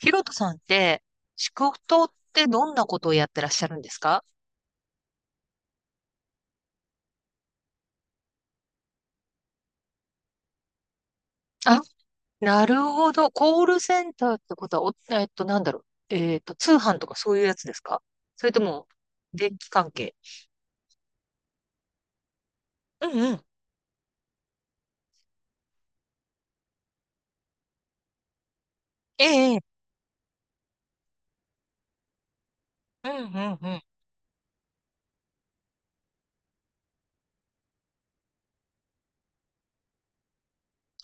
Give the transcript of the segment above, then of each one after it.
ヒロトさんって、仕事ってどんなことをやってらっしゃるんですか？あ、なるほど。コールセンターってことは、なんだろう。通販とかそういうやつですか？それとも、電気関係？うんうん。ええ、ええ。うんうんうん。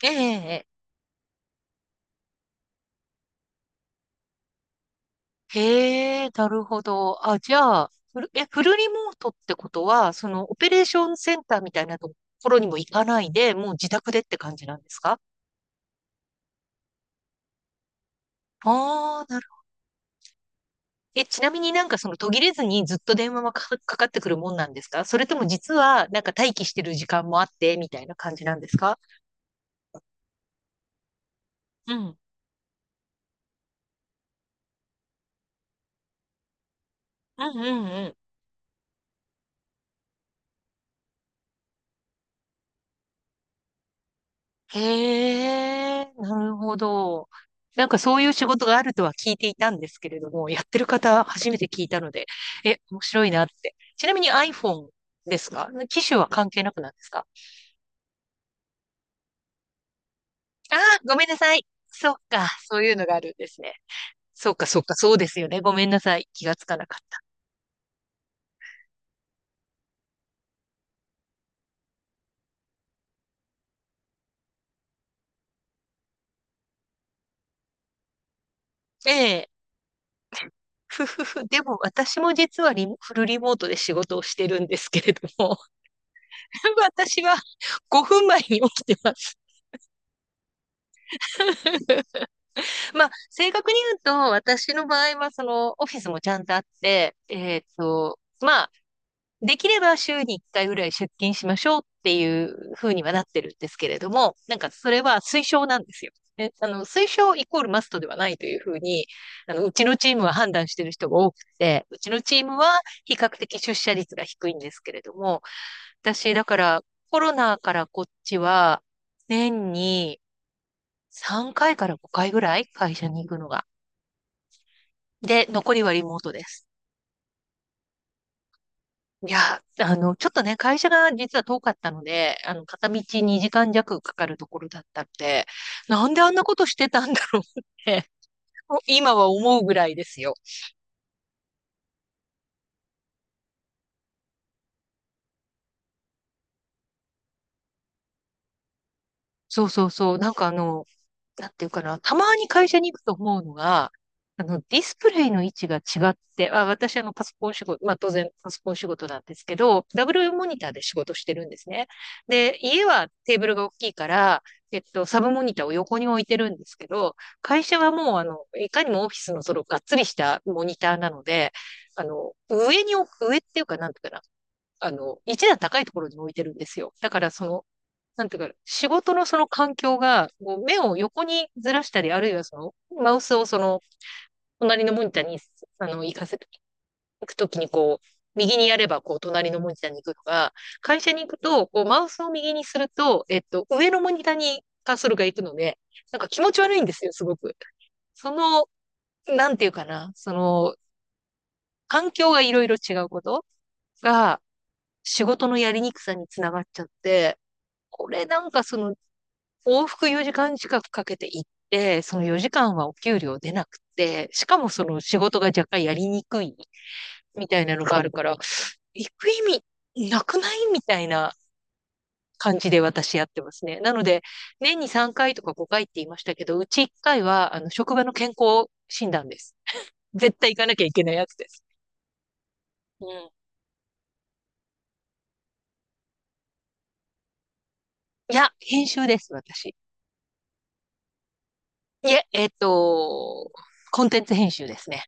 ええ、ええ。へえ、なるほど。あ、じゃあ、フルリモートってことは、その、オペレーションセンターみたいなところにも行かないで、もう自宅でって感じなんですか？ああー。え、ちなみになんかその途切れずにずっと電話はかかってくるもんなんですか？それとも実はなんか待機してる時間もあってみたいな感じなんですか？うん。うんうんうん。へえ、なるほど。なんかそういう仕事があるとは聞いていたんですけれども、やってる方初めて聞いたので、え、面白いなって。ちなみに iPhone ですか？機種は関係なくなんですか？ああー、ごめんなさい。そっか、そういうのがあるんですね。そうか、そっか、そうですよね。ごめんなさい。気がつかなかった。ええ。でも私も実はフルリモートで仕事をしてるんですけれども、私は5分前に起きてます。まあ、正確に言うと、私の場合は、その、オフィスもちゃんとあって、まあ、できれば週に1回ぐらい出勤しましょうっていう風にはなってるんですけれども、なんかそれは推奨なんですよ。で、推奨イコールマストではないという風に、あの、うちのチームは判断している人が多くて、うちのチームは比較的出社率が低いんですけれども、私、だからコロナからこっちは、年に3回かいから5回ぐらい会社に行くのが。で、残りはリモートです。いや、あの、ちょっとね、会社が実は遠かったので、あの、片道2時間弱かかるところだったっで、なんであんなことしてたんだろうって、もう今は思うぐらいですよ。そうそうそう。なんかあの、なんていうかな、たまに会社に行くと思うのが、あの、ディスプレイの位置が違って、あ、私、あの、パソコン仕事、まあ、当然、パソコン仕事なんですけど、ダブルモニターで仕事してるんですね。で、家はテーブルが大きいから、サブモニターを横に置いてるんですけど、会社はもう、あの、いかにもオフィスのその、がっつりしたモニターなので、あの、上に置く、上っていうか、なんていうかな、あの、一段高いところに置いてるんですよ。だから、その、なんていうか、仕事のその環境が、こう目を横にずらしたり、あるいはその、マウスをその、隣のモニターに、あの、行かせ行くときにこう、右にやれば、こう、隣のモニターに行くとか、会社に行くと、こう、マウスを右にすると、上のモニターにカーソルが行くので、なんか気持ち悪いんですよ、すごく。その、なんていうかな、その、環境がいろいろ違うことが、仕事のやりにくさにつながっちゃって、これなんかその往復4時間近くかけて行って、その4時間はお給料出なくて、しかもその仕事が若干やりにくいみたいなのがあるから、行く意味なくないみたいな感じで私やってますね。なので、年に3回とか5回って言いましたけど、うち1回は、あの、職場の健康診断です。絶対行かなきゃいけないやつです。うん。いや、編集です、私。いえ、コンテンツ編集ですね。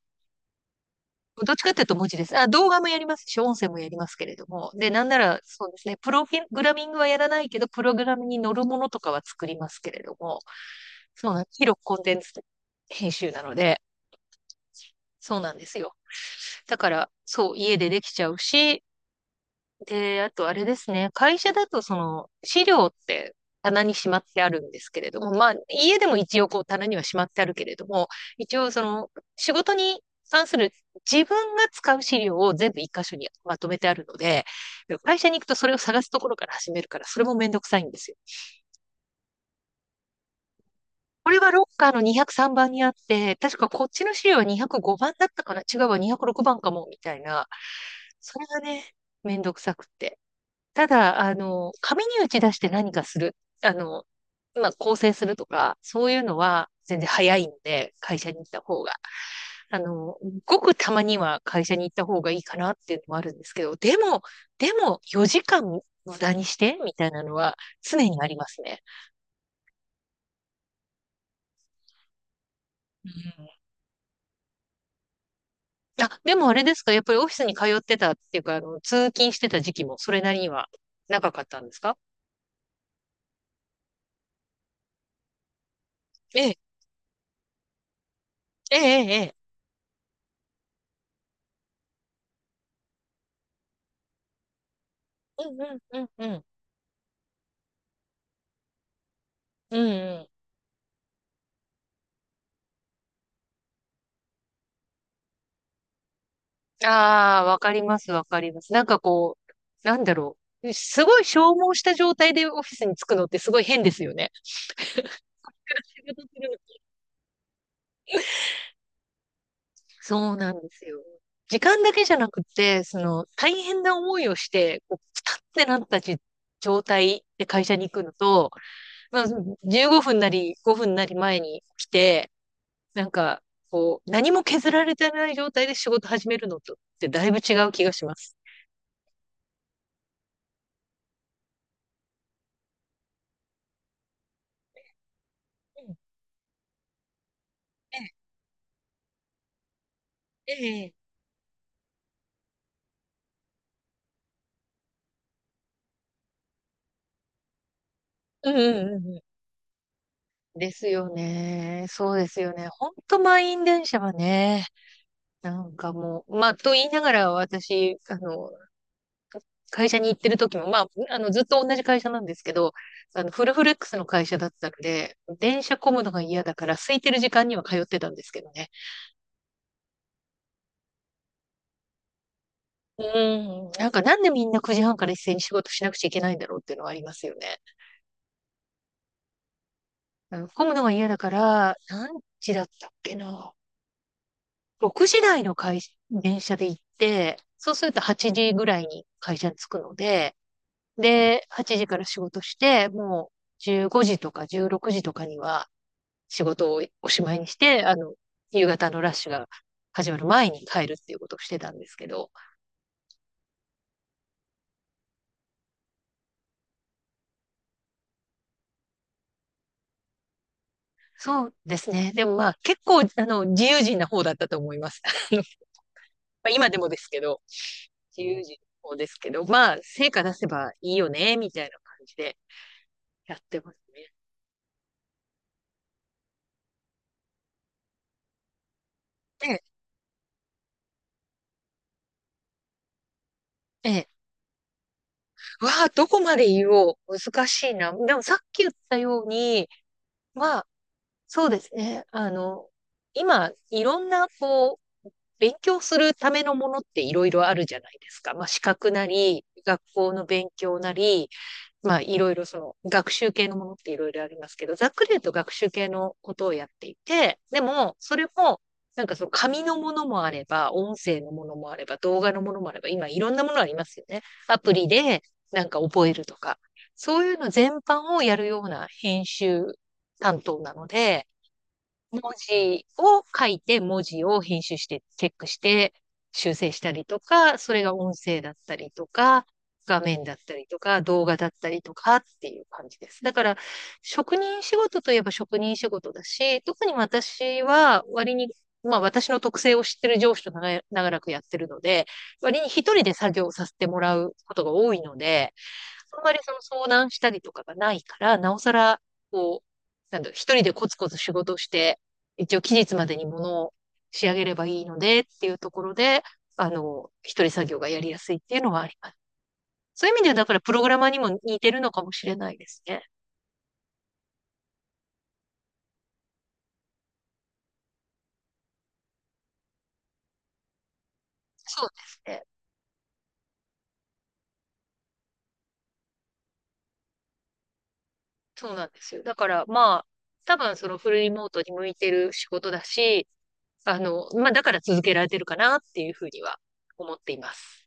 どっちかっていうと文字です。あ、動画もやりますし、音声もやりますけれども。で、なんなら、そうですね、プログラミングはやらないけど、プログラムに乗るものとかは作りますけれども、そうなん、広くコンテンツ編集なので、そうなんですよ。だから、そう、家でできちゃうし、で、あとあれですね、会社だとその資料って棚にしまってあるんですけれども、まあ家でも一応こう棚にはしまってあるけれども、一応その仕事に関する自分が使う資料を全部一箇所にまとめてあるので、会社に行くとそれを探すところから始めるから、それもめんどくさいんですよ。これはロッカーの203番にあって、確かこっちの資料は205番だったかな、違うわ、206番かも、みたいな。それがね、めんどくさくって。ただ、あの、紙に打ち出して何かする、あの、まあ、構成するとか、そういうのは全然早いんで、会社に行った方が。あの、ごくたまには会社に行った方がいいかなっていうのもあるんですけど、でも、4時間無駄にしてみたいなのは常にありますね。うん。あ、でもあれですか、やっぱりオフィスに通ってたっていうか、あの、通勤してた時期もそれなりには長かったんですか？ええ、ええ、ええ。ええ。うんうんうんうん。うん。ああ、わかります、わかります。なんかこう、なんだろう。すごい消耗した状態でオフィスに着くのってすごい変ですよね。仕事するの、そうなんですよ。時間だけじゃなくて、その、大変な思いをして、こう、ピタってなった状態で会社に行くのと、まあ、15分なり5分なり前に来て、なんか、こう、何も削られてない状態で仕事始めるのとってだいぶ違う気がします。うん。ええ、ええ。うんうんうんうん。ですよね。そうですよね。ほんと満員電車はね、なんかもう、まあ、と言いながら私、あの、会社に行ってる時も、まあ、あの、ずっと同じ会社なんですけど、あの、フルフレックスの会社だったので、電車混むのが嫌だから、空いてる時間には通ってたんですけどね。うん、なんかなんでみんな9時半から一斉に仕事しなくちゃいけないんだろうっていうのはありますよね。あの混むのが嫌だから、何時だったっけな。6時台の会社、電車で行って、そうすると8時ぐらいに会社に着くので、で、8時から仕事して、もう15時とか16時とかには仕事をおしまいにして、あの、夕方のラッシュが始まる前に帰るっていうことをしてたんですけど、そうですね。でもまあ結構、あの、自由人な方だったと思います。あのまあ今でもですけど、自由人の方ですけど、まあ成果出せばいいよね、みたいな感じでやってますね。で、えわあ、どこまで言おう。難しいな。でもさっき言ったように、まあ、そうですね。あの、今、いろんな、こう、勉強するためのものっていろいろあるじゃないですか。まあ、資格なり、学校の勉強なり、まあ、いろいろその学習系のものっていろいろありますけど、ざっくり言うと学習系のことをやっていて、でも、それも、なんかその紙のものもあれば、音声のものもあれば、動画のものもあれば、今いろんなものありますよね。アプリでなんか覚えるとか、そういうの全般をやるような編集担当なので、文字を書いて、文字を編集して、チェックして、修正したりとか、それが音声だったりとか、画面だったりとか、動画だったりとかっていう感じです。だから、職人仕事といえば職人仕事だし、特に私は割に、まあ私の特性を知ってる上司と長らくやってるので、割に一人で作業させてもらうことが多いので、あんまりその相談したりとかがないから、なおさら、こう、なんだろう、一人でコツコツ仕事をして、一応期日までに物を仕上げればいいのでっていうところで、あの、一人作業がやりやすいっていうのはあります。そういう意味では、だからプログラマーにも似てるのかもしれないですね。そうですね。そうなんですよ。だから、まあ、多分そのフルリモートに向いてる仕事だし、あの、まあ、だから続けられてるかなっていうふうには思っています。